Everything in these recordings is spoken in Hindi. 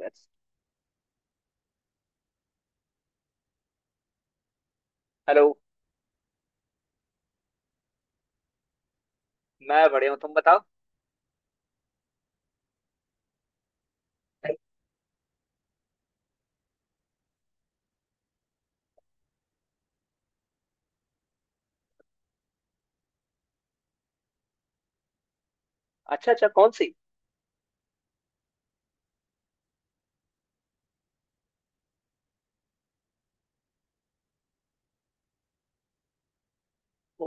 लेट्स। हेलो। मैं बढ़िया हूँ, तुम बताओ। अच्छा अच्छा, कौन सी?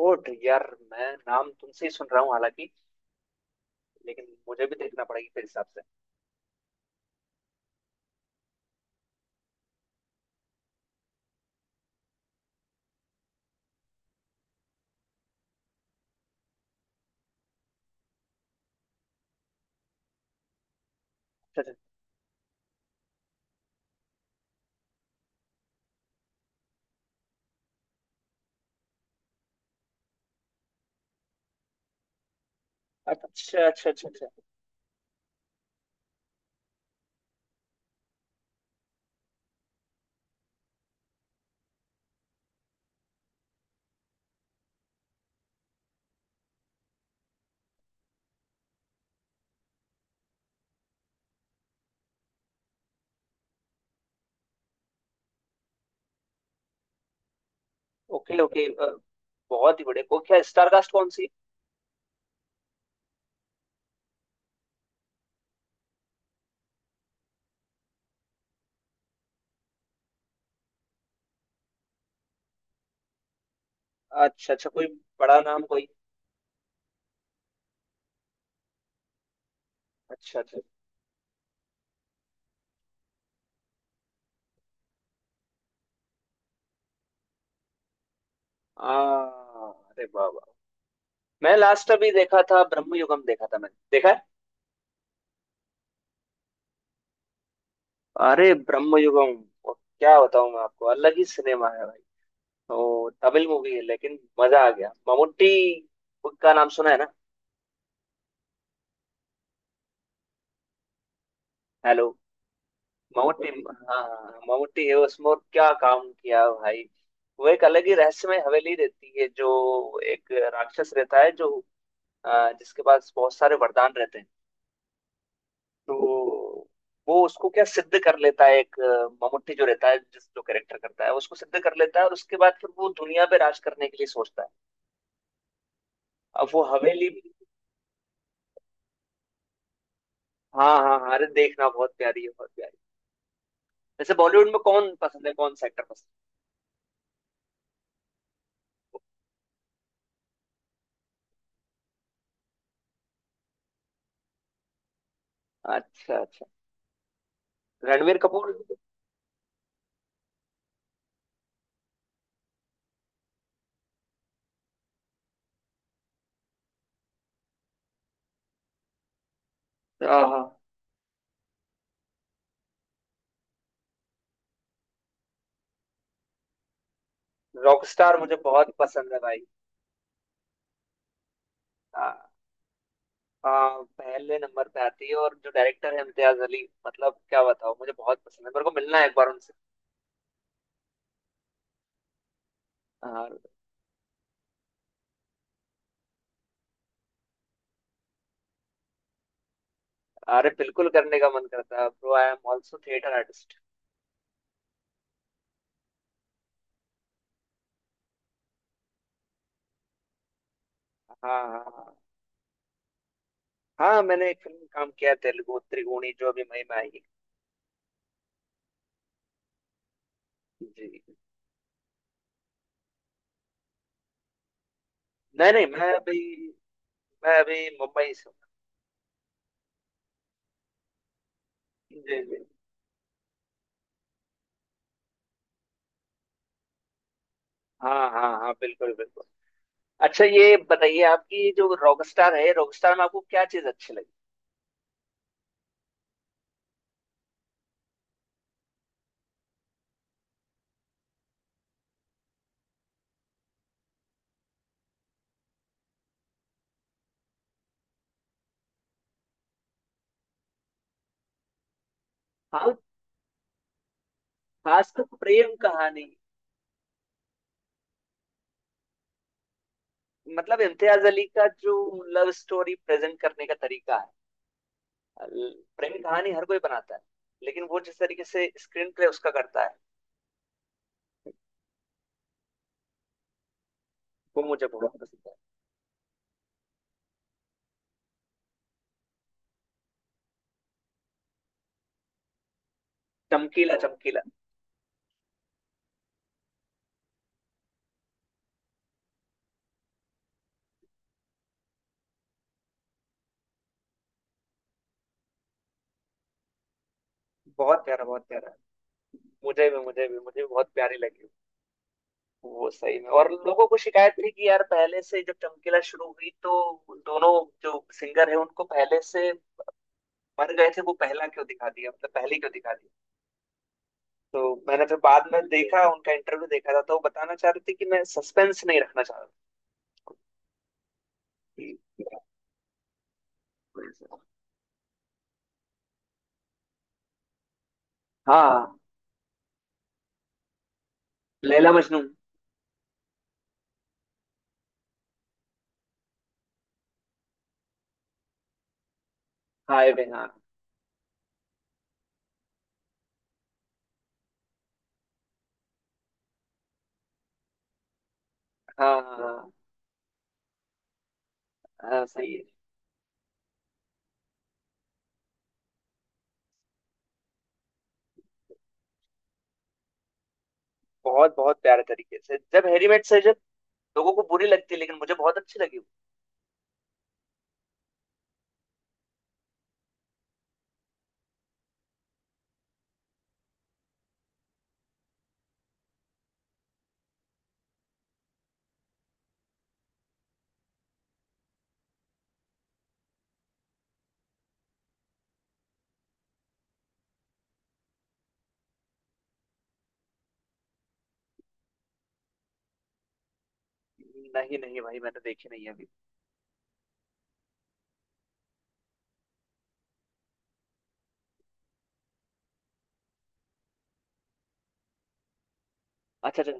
ओट यार, मैं नाम तुमसे ही सुन रहा हूँ हालांकि, लेकिन मुझे भी देखना पड़ेगी फिर हिसाब से। अच्छा अच्छा अच्छा अच्छा अच्छा अच्छा। ओके ओके, बहुत ही बढ़िया। को क्या स्टार कास्ट कौन सी? अच्छा अच्छा, कोई बड़ा नाम कोई? अच्छा अच्छा। आ, अरे वाह वाह। मैं लास्ट अभी देखा था, ब्रह्मयुगम देखा था, मैंने देखा है। अरे ब्रह्मयुगम, क्या बताऊं मैं आपको, अलग ही सिनेमा है भाई। तो तमिल मूवी है, लेकिन मजा आ गया। ममूटी का नाम सुना है ना? हेलो। ममूटी हाँ हाँ, ममूटी है उसमें। और क्या काम किया भाई, वो एक अलग ही रहस्यमय हवेली रहती है, जो एक राक्षस रहता है, जो जिसके पास बहुत सारे वरदान रहते हैं। तो वो उसको क्या सिद्ध कर लेता है, एक ममूटी जो रहता है, जिस जो कैरेक्टर करता है उसको सिद्ध कर लेता है, और उसके बाद फिर वो दुनिया पे राज करने के लिए सोचता है। अब वो हवेली। हाँ हाँ हाँ, अरे देखना, बहुत प्यारी है बहुत प्यारी। वैसे बॉलीवुड में कौन पसंद है, कौन सा एक्टर पसंद है? अच्छा अच्छा, रणवीर कपूर। रॉक स्टार मुझे बहुत पसंद है भाई। आ, आ, पहले नंबर पे आती है। और जो डायरेक्टर है इम्तियाज अली, मतलब क्या बताओ, मुझे बहुत पसंद है, मेरे को मिलना है एक बार उनसे। हाँ, अरे बिल्कुल करने का मन करता है bro, I am also theatre artist. हाँ हाँ हाँ। हाँ मैंने एक फिल्म में काम किया है, तेलुगु त्रिगुणी जो अभी मई में आई है। जी। नहीं नहीं मैं अभी मुंबई से हूँ। जी जी। हाँ हाँ हाँ बिल्कुल बिल्कुल। अच्छा ये बताइए, आपकी ये जो रॉकस्टार है, रॉकस्टार में आपको क्या चीज अच्छी लगी? हाँ, खासकर प्रेम कहानी। मतलब इम्तियाज अली का जो लव स्टोरी प्रेजेंट करने का तरीका है। प्रेम कहानी हर कोई बनाता है, लेकिन वो जिस तरीके से स्क्रीन प्ले उसका करता है, वो मुझे बहुत पसंद है। चमकीला चमकीला। बहुत प्यारा बहुत प्यारा, मुझे भी मुझे भी मुझे भी बहुत प्यारी लगी। वो सही में, और लोगों को शिकायत थी कि यार, पहले से जब चमकीला शुरू हुई तो दोनों जो सिंगर है उनको पहले से मर गए थे वो, पहला क्यों दिखा दिया, मतलब पहले क्यों दिखा दिया। तो मैंने फिर बाद में देखा, उनका इंटरव्यू देखा था, तो वो बताना चाह रहे थे कि मैं सस्पेंस नहीं रखना चाह रहा था। हाँ, लैला मजनू। हाय बे, हाँ हाँ हाँ हाँ, सही है। बहुत बहुत प्यारे तरीके से, जब हैरी मेट से जब, लोगों को बुरी लगती है, लेकिन मुझे बहुत अच्छी लगी वो। नहीं नहीं भाई, मैंने देखी नहीं है अभी। अच्छा अच्छा।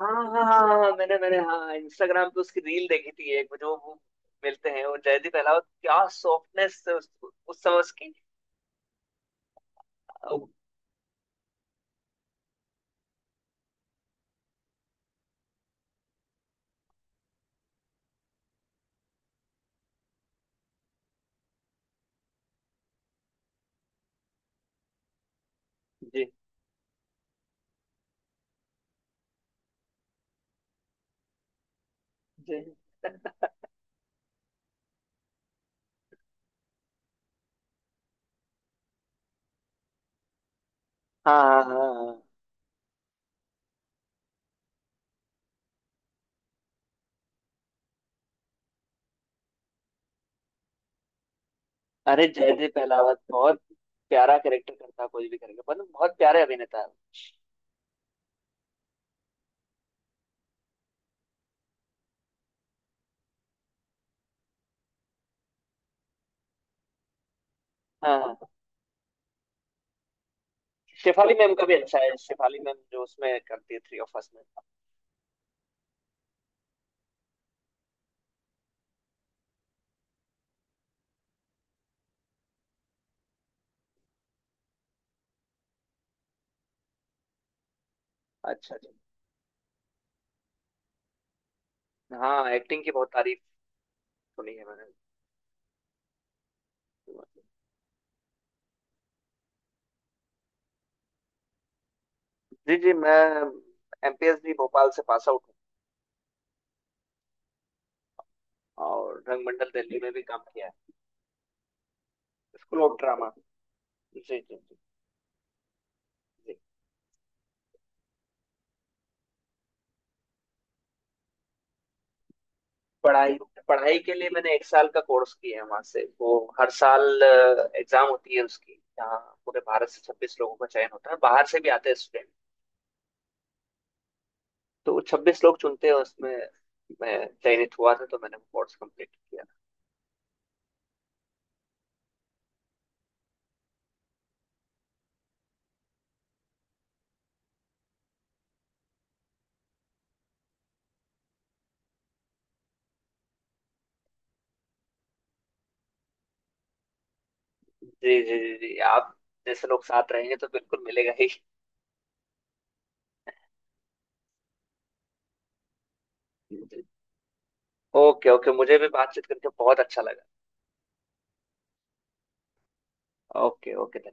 हाँ हाँ हाँ हाँ हाँ, मैंने मैंने हाँ, इंस्टाग्राम पे उसकी रील देखी थी, एक जो वो मिलते हैं, और जयदीप अहलावत क्या सॉफ्टनेस उस समय उसकी। ओ, जय जय। हाँ हाँ हाँ। हाँ। अरे जय जय पहलावत बहुत प्यारा कैरेक्टर करता है, कोई भी करेगा मतलब, बहुत प्यारे अभिनेता है। हाँ हाँ। शेफाली मैम का भी अच्छा है, शेफाली मैम जो उसमें करती है थ्री ऑफ अस में। अच्छा अच्छा, हाँ एक्टिंग की बहुत तारीफ सुनी है मैंने। जी जी, मैं एमपीएस भी भोपाल से पास आउट हूँ, और रंगमंडल दिल्ली में भी काम किया है। School of drama. जी जी जी। पढ़ाई पढ़ाई के लिए मैंने एक साल का कोर्स किया है वहां से, वो हर साल एग्जाम होती है उसकी, जहाँ पूरे भारत से 26 लोगों का चयन होता है, बाहर से भी आते हैं स्टूडेंट। तो 26 लोग चुनते हैं उसमें, मैं चयनित हुआ था, तो मैंने वो कोर्स कंप्लीट किया। जी जी जी जी, आप जैसे लोग साथ रहेंगे तो बिल्कुल मिलेगा ही। ओके ओके, मुझे भी बातचीत करके बहुत अच्छा लगा। Okay okay.